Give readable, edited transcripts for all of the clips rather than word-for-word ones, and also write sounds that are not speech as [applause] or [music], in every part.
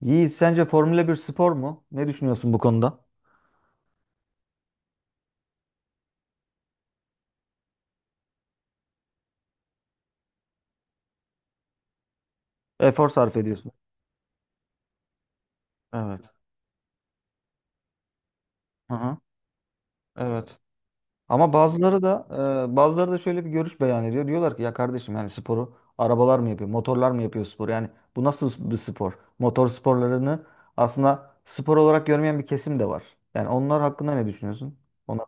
Yiğit, sence Formula bir spor mu? Ne düşünüyorsun bu konuda? Efor sarf ediyorsun. Evet. Hı hı. Evet. Ama bazıları da bazıları da şöyle bir görüş beyan ediyor. Diyorlar ki ya kardeşim, yani sporu arabalar mı yapıyor, motorlar mı yapıyor spor? Yani bu nasıl bir spor? Motor sporlarını aslında spor olarak görmeyen bir kesim de var. Yani onlar hakkında ne düşünüyorsun? Ona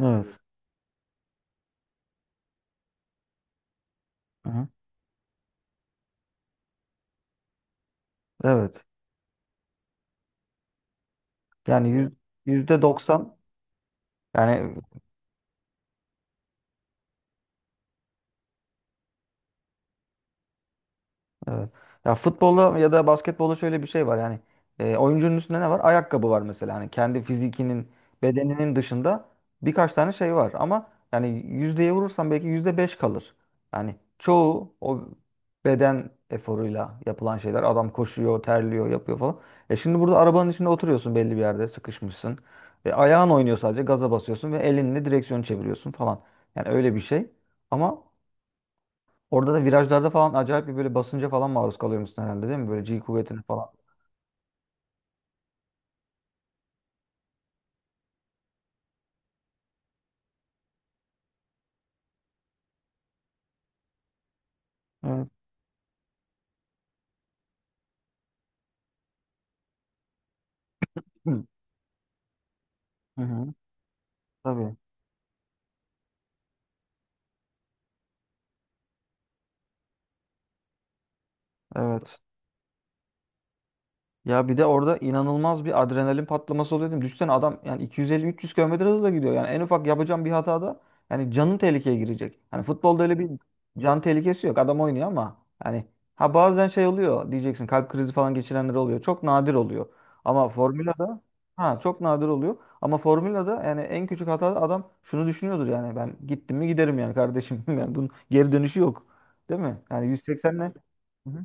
evet. Hı hı. Evet. Yani yüz- Yüzde doksan yani. Evet. Ya futbolda ya da basketbolda şöyle bir şey var yani, oyuncunun üstünde ne var? Ayakkabı var mesela, hani kendi fizikinin, bedeninin dışında birkaç tane şey var ama yani yüzdeye vurursan belki yüzde beş kalır. Yani çoğu o beden eforuyla yapılan şeyler, adam koşuyor, terliyor, yapıyor falan. E şimdi burada arabanın içinde oturuyorsun, belli bir yerde sıkışmışsın ve ayağın oynuyor, sadece gaza basıyorsun ve elinle direksiyonu çeviriyorsun falan. Yani öyle bir şey ama orada da virajlarda falan acayip bir böyle basınca falan maruz kalıyormuşsun herhalde, değil mi? Böyle G kuvvetine falan. Evet. [clears throat] Hı hı. Tabii. Evet. Ya bir de orada inanılmaz bir adrenalin patlaması oluyor değil mi? Düşünsene, adam yani 250-300 kilometre hızla gidiyor. Yani en ufak yapacağım bir hatada yani canın tehlikeye girecek. Hani futbolda öyle bir can tehlikesi yok. Adam oynuyor ama yani, ha bazen şey oluyor diyeceksin, kalp krizi falan geçirenler oluyor. Çok nadir oluyor. Ama formülada ha çok nadir oluyor. Ama formülada yani en küçük hatada adam şunu düşünüyordur: yani ben gittim mi giderim yani kardeşim. [laughs] Yani bunun geri dönüşü yok. Değil mi? Yani 180'le. Hı hı.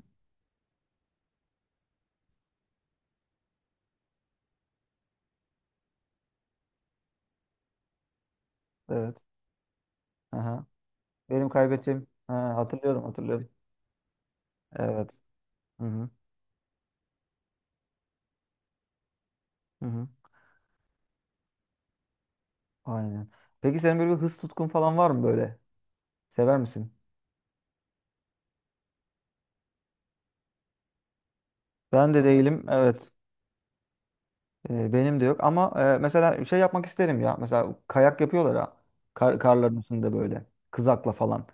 Evet. Benim kaybettiğim. Ha, hatırlıyorum hatırlıyorum. Evet. Hı hı. Hı hı. Aynen. Peki senin böyle bir hız tutkun falan var mı böyle? Sever misin? Ben de değilim. Evet. Benim de yok. Ama mesela şey yapmak isterim ya. Mesela kayak yapıyorlar ha. Karların üstünde böyle. Kızakla falan.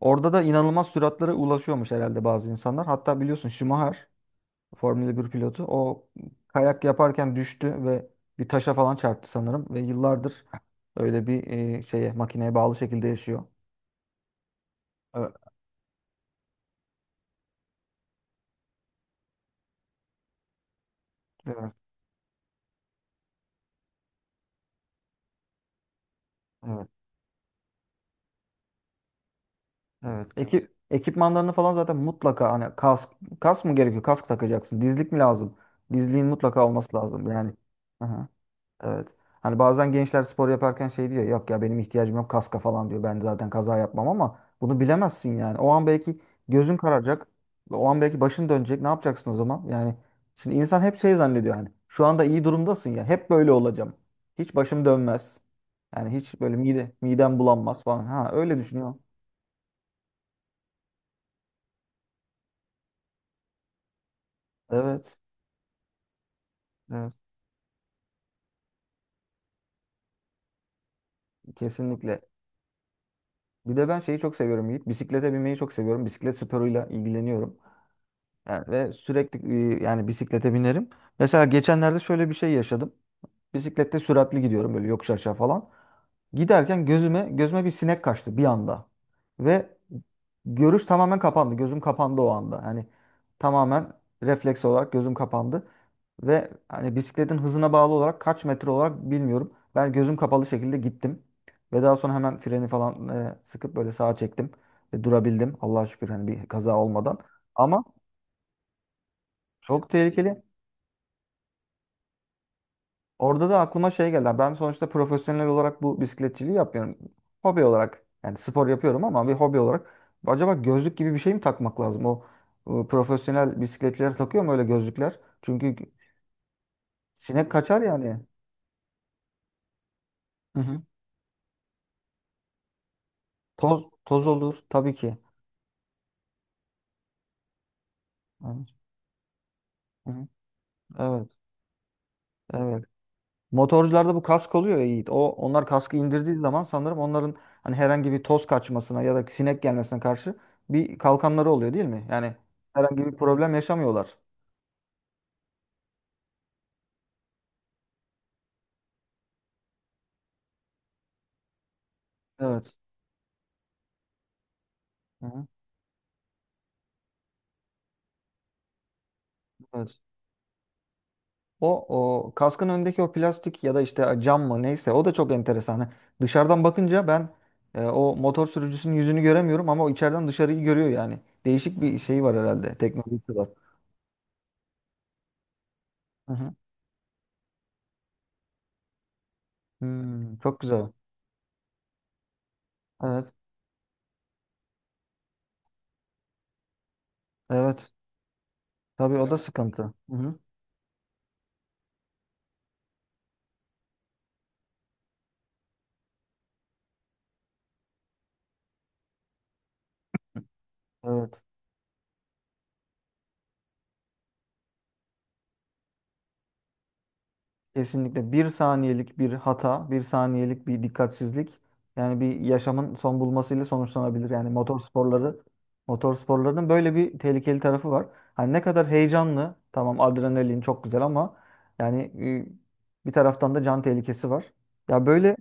Orada da inanılmaz süratlere ulaşıyormuş herhalde bazı insanlar. Hatta biliyorsun Schumacher, Formula bir pilotu. O kayak yaparken düştü ve bir taşa falan çarptı sanırım. Ve yıllardır öyle bir şeye, makineye bağlı şekilde yaşıyor. Evet, evet, evet, evet. Ekipmanlarını falan zaten mutlaka, hani kask, kask mı gerekiyor? Kask takacaksın. Dizlik mi lazım? Dizliğin mutlaka olması lazım yani. Evet. Hani bazen gençler spor yaparken şey diyor: yok ya benim ihtiyacım yok kaska falan diyor, ben zaten kaza yapmam, ama bunu bilemezsin yani. O an belki gözün kararacak. O an belki başın dönecek. Ne yapacaksın o zaman? Yani şimdi insan hep şey zannediyor yani, şu anda iyi durumdasın ya, hep böyle olacağım, hiç başım dönmez. Yani hiç böyle midem bulanmaz falan. Ha öyle düşünüyor. Evet. Evet. Kesinlikle. Bir de ben şeyi çok seviyorum Yiğit. Bisiklete binmeyi çok seviyorum. Bisiklet sporuyla ilgileniyorum. Yani ve sürekli yani bisiklete binerim. Mesela geçenlerde şöyle bir şey yaşadım. Bisiklette süratli gidiyorum böyle yokuş aşağı falan. Giderken gözüme bir sinek kaçtı bir anda. Ve görüş tamamen kapandı. Gözüm kapandı o anda. Yani tamamen refleks olarak gözüm kapandı. Ve hani bisikletin hızına bağlı olarak kaç metre olarak bilmiyorum, ben gözüm kapalı şekilde gittim. Ve daha sonra hemen freni falan sıkıp böyle sağa çektim. Ve durabildim. Allah'a şükür, hani bir kaza olmadan. Ama çok tehlikeli. Orada da aklıma şey geldi. Ben sonuçta profesyonel olarak bu bisikletçiliği yapmıyorum. Hobi olarak, yani spor yapıyorum ama bir hobi olarak. Acaba gözlük gibi bir şey mi takmak lazım? O, profesyonel bisikletçiler takıyor mu öyle gözlükler? Çünkü sinek kaçar yani. Hı hı. Toz, toz olur tabii ki. Hı hı. Evet, evet. Motorcularda bu kask oluyor ya Yiğit. O, onlar kaskı indirdiği zaman sanırım onların, hani herhangi bir toz kaçmasına ya da sinek gelmesine karşı bir kalkanları oluyor, değil mi? Yani herhangi bir problem yaşamıyorlar. Evet. Hı-hı. Evet. O, o kaskın önündeki o plastik ya da işte cam mı, neyse, o da çok enteresan. Hani dışarıdan bakınca ben o motor sürücüsünün yüzünü göremiyorum ama o içeriden dışarıyı görüyor yani. Değişik bir şey var herhalde. Teknolojisi var. Hı-hı. Hmm, çok güzel. Evet. Evet. Tabii o da sıkıntı. Hı hı. Evet. Kesinlikle bir saniyelik bir hata, bir saniyelik bir dikkatsizlik yani bir yaşamın son bulmasıyla sonuçlanabilir. Yani motor sporlarının böyle bir tehlikeli tarafı var. Hani ne kadar heyecanlı, tamam adrenalin çok güzel ama yani bir taraftan da can tehlikesi var. Ya böyle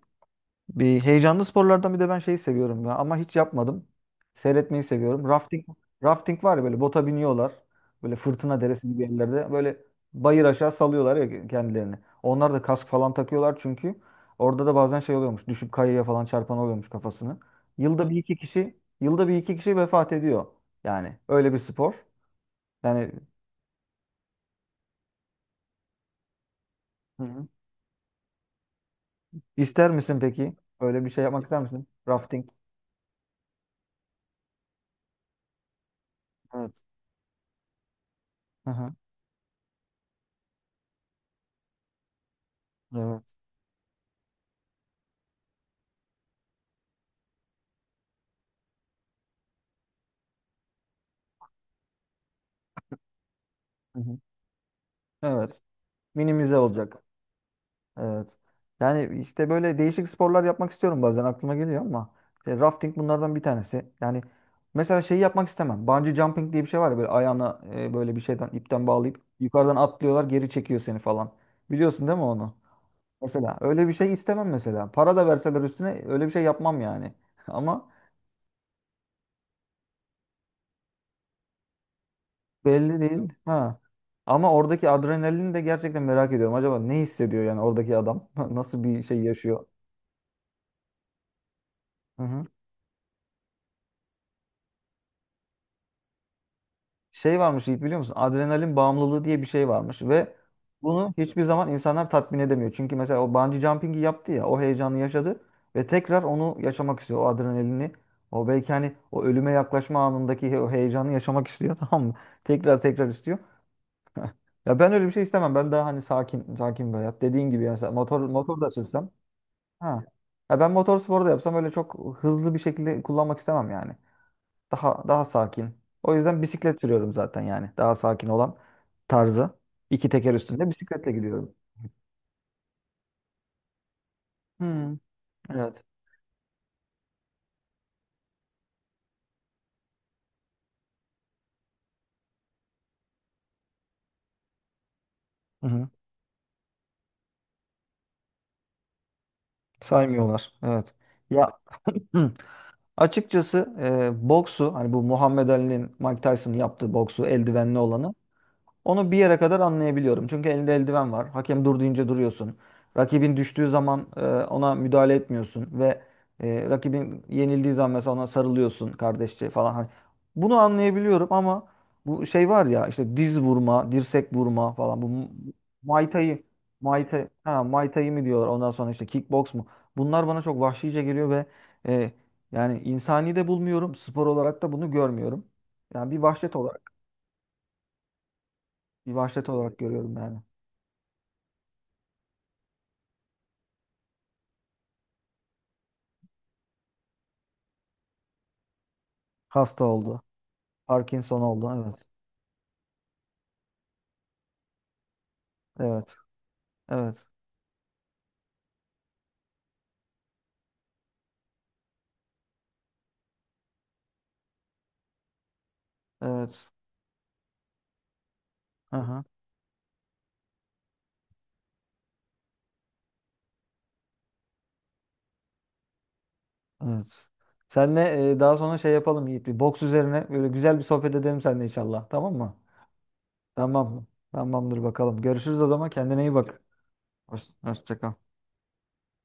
bir heyecanlı sporlardan bir de ben şeyi seviyorum ya ama hiç yapmadım. Seyretmeyi seviyorum. Rafting var ya, böyle bota biniyorlar. Böyle fırtına deresi gibi yerlerde böyle bayır aşağı salıyorlar ya kendilerini. Onlar da kask falan takıyorlar çünkü orada da bazen şey oluyormuş. Düşüp kayaya falan çarpan oluyormuş kafasını. Yılda bir iki kişi, yılda bir iki kişi vefat ediyor. Yani öyle bir spor. Yani. Hı hı. ister misin peki? Öyle bir şey yapmak ister misin? Rafting. Evet. Hı hı. Evet. Hı hı. Evet. Minimize olacak. Evet. Yani işte böyle değişik sporlar yapmak istiyorum, bazen aklıma geliyor ama işte rafting bunlardan bir tanesi. Yani mesela şeyi yapmak istemem. Bungee jumping diye bir şey var ya, böyle ayağına böyle bir şeyden, ipten bağlayıp yukarıdan atlıyorlar, geri çekiyor seni falan. Biliyorsun değil mi onu? Mesela öyle bir şey istemem mesela. Para da verseler üstüne öyle bir şey yapmam yani. [laughs] Ama belli değil. Ha. Ama oradaki adrenalini de gerçekten merak ediyorum. Acaba ne hissediyor yani oradaki adam? [laughs] Nasıl bir şey yaşıyor? Şey varmış Yiğit, biliyor musun? Adrenalin bağımlılığı diye bir şey varmış ve bunu hiçbir zaman insanlar tatmin edemiyor. Çünkü mesela o bungee jumping'i yaptı ya, o heyecanı yaşadı ve tekrar onu yaşamak istiyor, o adrenalini. O belki hani o ölüme yaklaşma anındaki o heyecanı yaşamak istiyor. [laughs] Tamam mı? Tekrar tekrar istiyor. [laughs] Ya ben öyle bir şey istemem. Ben daha hani sakin sakin bir hayat. Dediğin gibi yani sen motor, motor da açılsam. Ha. Ya ben motor sporu da yapsam öyle çok hızlı bir şekilde kullanmak istemem yani. Daha daha sakin. O yüzden bisiklet sürüyorum zaten yani. Daha sakin olan tarzı. İki teker üstünde bisikletle gidiyorum. Hmm. Evet. Hı hı. Saymıyorlar. Evet. Ya [clears throat] hı. Açıkçası boksu, hani bu Muhammed Ali'nin, Mike Tyson'ın yaptığı boksu, eldivenli olanı, onu bir yere kadar anlayabiliyorum. Çünkü elinde eldiven var. Hakem dur deyince duruyorsun. Rakibin düştüğü zaman ona müdahale etmiyorsun ve rakibin yenildiği zaman mesela ona sarılıyorsun kardeşçe falan. Hani bunu anlayabiliyorum ama bu şey var ya, işte diz vurma, dirsek vurma falan, Muay Thai, Muay Thai, ha, Muay Thai mi diyorlar, ondan sonra işte kickbox mu? Bunlar bana çok vahşice geliyor ve e, yani insani de bulmuyorum. Spor olarak da bunu görmüyorum. Yani bir vahşet olarak, bir vahşet olarak görüyorum yani. Hasta oldu. Parkinson oldu. Evet. Evet. Evet. Evet. Aha. Evet. Seninle daha sonra şey yapalım Yiğit. Bir boks üzerine böyle güzel bir sohbet edelim seninle inşallah. Tamam mı? Tamam. Tamamdır bakalım. Görüşürüz o zaman. Kendine iyi bak. Hoşça kal.